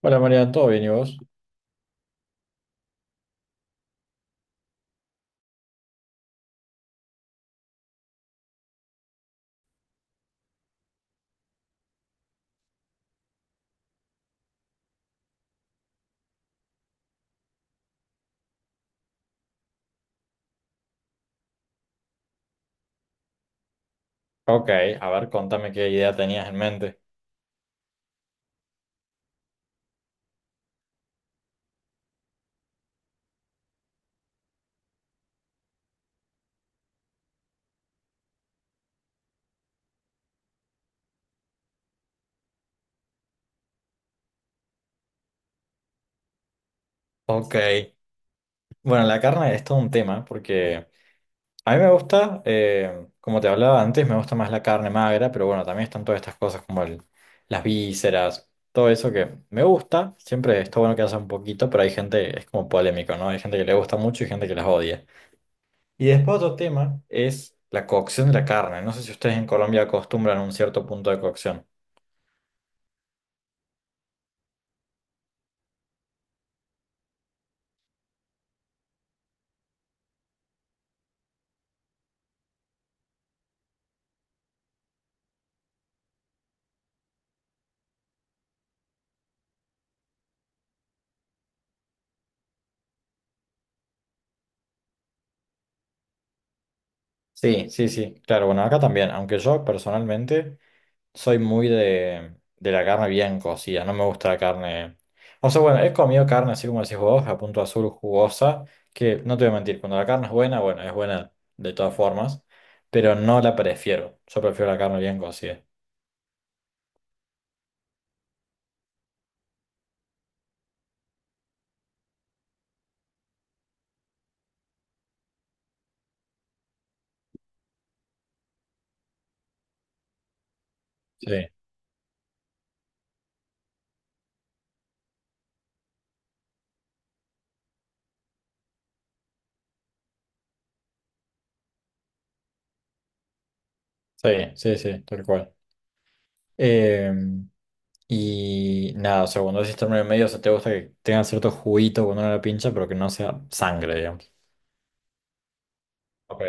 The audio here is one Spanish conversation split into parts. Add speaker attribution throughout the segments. Speaker 1: Hola María, ¿todo bien y vos? Ok, a ver, contame qué idea tenías en mente. Ok, bueno, la carne es todo un tema porque a mí me gusta, como te hablaba antes, me gusta más la carne magra, pero bueno, también están todas estas cosas como las vísceras, todo eso que me gusta, siempre está bueno que haya un poquito, pero hay gente, es como polémico, ¿no? Hay gente que le gusta mucho y gente que las odia. Y después otro tema es la cocción de la carne. No sé si ustedes en Colombia acostumbran un cierto punto de cocción. Sí, sí, sí, claro, bueno, acá también, aunque yo personalmente soy muy de la carne bien cocida, no me gusta la carne, o sea, bueno, he comido carne así como decís vos, a punto azul jugosa, que no te voy a mentir, cuando la carne es buena, bueno, es buena de todas formas, pero no la prefiero, yo prefiero la carne bien cocida, sí, sí, sí, sí, tal cual. Em, y nada, o sea, cuando decís término medio, o sea, te gusta que tenga cierto juguito cuando uno la pincha, pero que no sea sangre, digamos. Ok.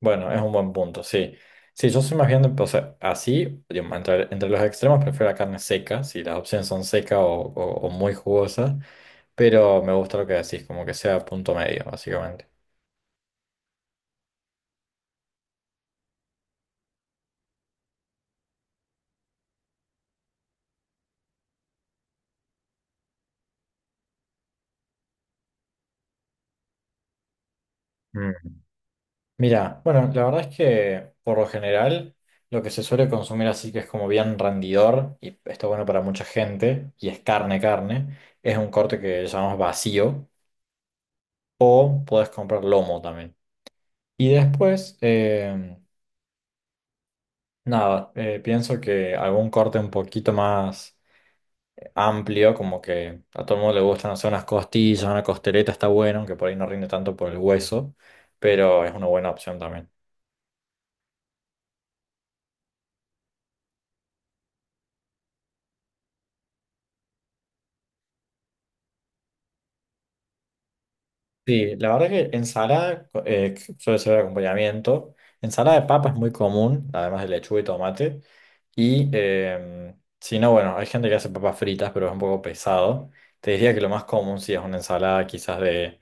Speaker 1: Bueno, es un buen punto, sí. Sí, yo soy más bien, o sea, así, digamos, entre los extremos prefiero la carne seca, si las opciones son seca o muy jugosa, pero me gusta lo que decís, como que sea punto medio, básicamente. Mm. Mira, bueno, la verdad es que por lo general lo que se suele consumir así que es como bien rendidor y está bueno para mucha gente y es carne, es un corte que llamamos vacío o puedes comprar lomo también. Y después, nada, pienso que algún corte un poquito más amplio, como que a todo el mundo le gustan hacer unas costillas, una costeleta está bueno, aunque por ahí no rinde tanto por el hueso, pero es una buena opción también. Sí, la verdad que ensalada suele ser de acompañamiento. Ensalada de papa es muy común, además de lechuga y tomate. Y si no, bueno, hay gente que hace papas fritas, pero es un poco pesado. Te diría que lo más común sí es una ensalada quizás de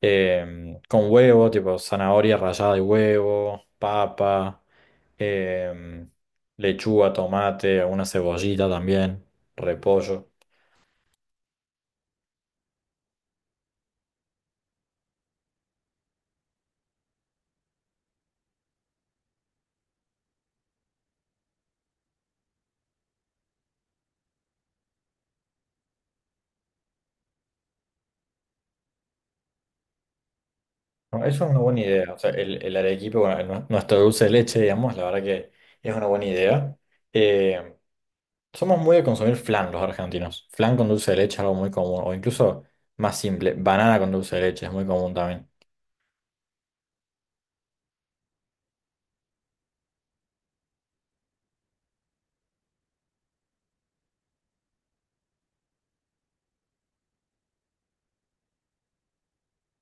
Speaker 1: con huevo, tipo zanahoria rallada de huevo, papa, em, lechuga, tomate, alguna cebollita también, repollo. No, eso es una buena idea. O sea, el arequipe, bueno, el nuestro dulce de leche, digamos, la verdad que es una buena idea. Em, Somos muy de consumir flan los argentinos. Flan con dulce de leche es algo muy común, o incluso más simple, banana con dulce de leche es muy común también.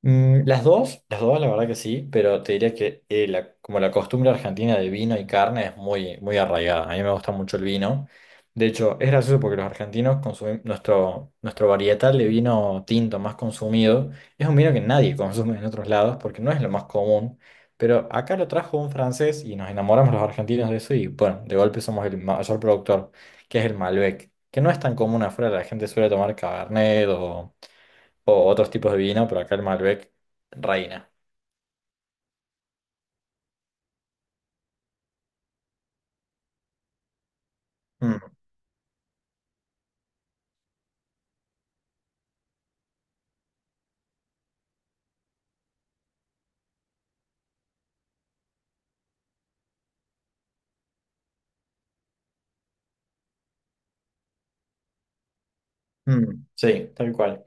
Speaker 1: Mm, las dos, la verdad que sí, pero te diría que como la costumbre argentina de vino y carne es muy, muy arraigada. A mí me gusta mucho el vino. De hecho, es gracioso porque los argentinos consumimos nuestro varietal de vino tinto más consumido. Es un vino que nadie consume en otros lados porque no es lo más común. Pero acá lo trajo un francés y nos enamoramos los argentinos de eso y bueno, de golpe somos el mayor productor, que es el Malbec, que no es tan común afuera, la gente suele tomar Cabernet o otros tipos de vino, pero acá el Malbec reina. Mm, mm, sí, tal cual.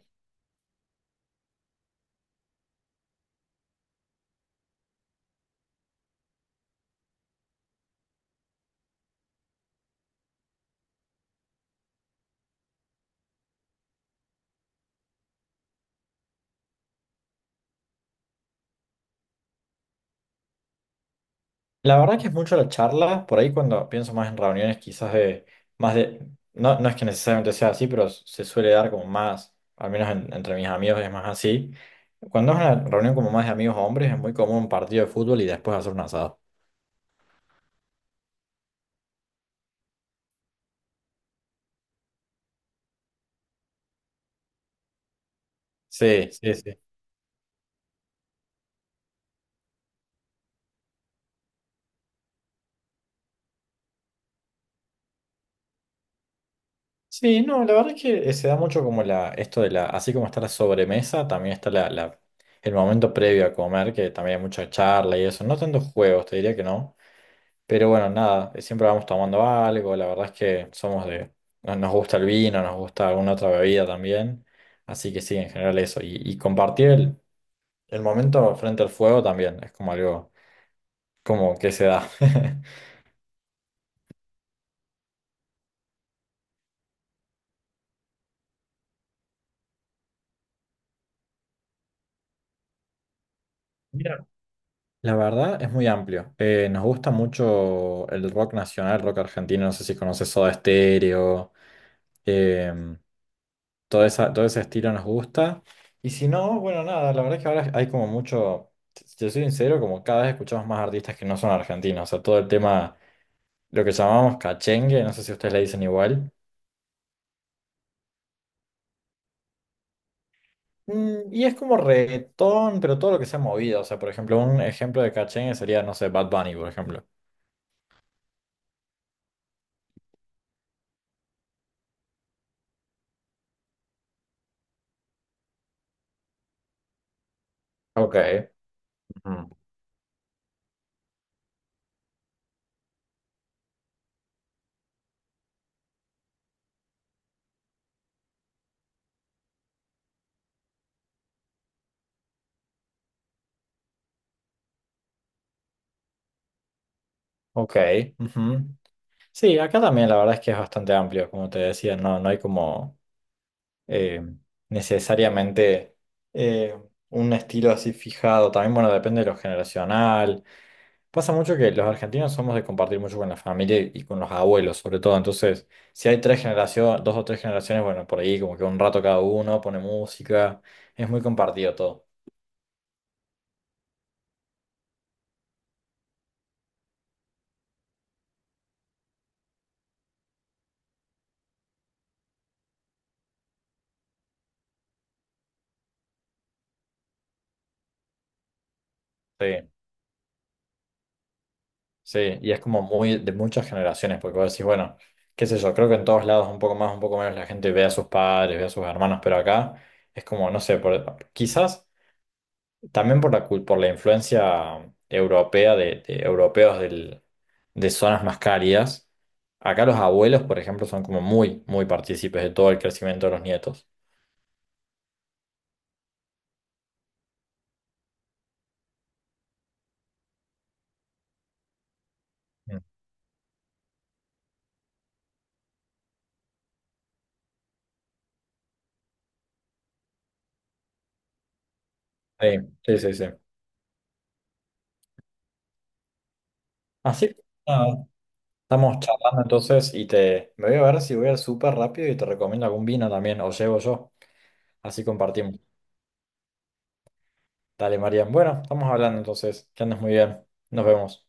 Speaker 1: La verdad que es mucho la charla, por ahí cuando pienso más en reuniones quizás de más de, no, no es que necesariamente sea así, pero se suele dar como más, al menos entre mis amigos es más así. Cuando es una reunión como más de amigos hombres es muy común un partido de fútbol y después hacer un asado. Sí, sí, sí. Sí, no, la verdad es que se da mucho como la, esto de la, así como está la sobremesa, también el momento previo a comer, que también hay mucha charla y eso, no tantos juegos, te diría que no, pero bueno, nada, siempre vamos tomando algo, la verdad es que somos de, nos gusta el vino, nos gusta alguna otra bebida también, así que sí, en general eso, y compartir el momento frente al fuego también, es como algo, como que se da. Mira, la verdad es muy amplio. Nos gusta mucho el rock nacional, el rock argentino. No sé si conoces Soda Stereo. em, todo ese estilo nos gusta. Y si no, bueno, nada, la verdad es que ahora hay como mucho. Si te soy sincero, como cada vez escuchamos más artistas que no son argentinos. O sea, todo el tema, lo que llamamos cachengue, no sé si ustedes le dicen igual. Mm, y es como reggaetón, pero todo lo que se ha movido. O sea, por ejemplo, un ejemplo de cachengue sería, no sé, Bad Bunny, por ejemplo. Ok, ujú. Ok, ujú. Sí, acá también la verdad es que es bastante amplio, como te decía, no, no hay como eh, necesariamente eh, un estilo así fijado. También, bueno, depende de lo generacional. Pasa mucho que los argentinos somos de compartir mucho con la familia y con los abuelos, sobre todo. Entonces, si hay tres generaciones, dos o tres generaciones, bueno, por ahí como que un rato cada uno pone música, es muy compartido todo. Sí. Sí, y es como muy de muchas generaciones, porque vos decís, bueno, qué sé yo, creo que en todos lados un poco más, un poco menos la gente ve a sus padres, ve a sus hermanos, pero acá es como, no sé, quizás también por por la influencia europea de europeos de zonas más cálidas. Acá los abuelos, por ejemplo, son como muy, muy partícipes de todo el crecimiento de los nietos. Mm. Sí, sí, sí, sí. Así que nada, estamos charlando entonces y te me voy a ver si voy al súper rápido y te recomiendo algún vino también, o llevo yo. Así compartimos. Dale, Marian. Bueno, estamos hablando entonces. Que andes muy bien. Nos vemos.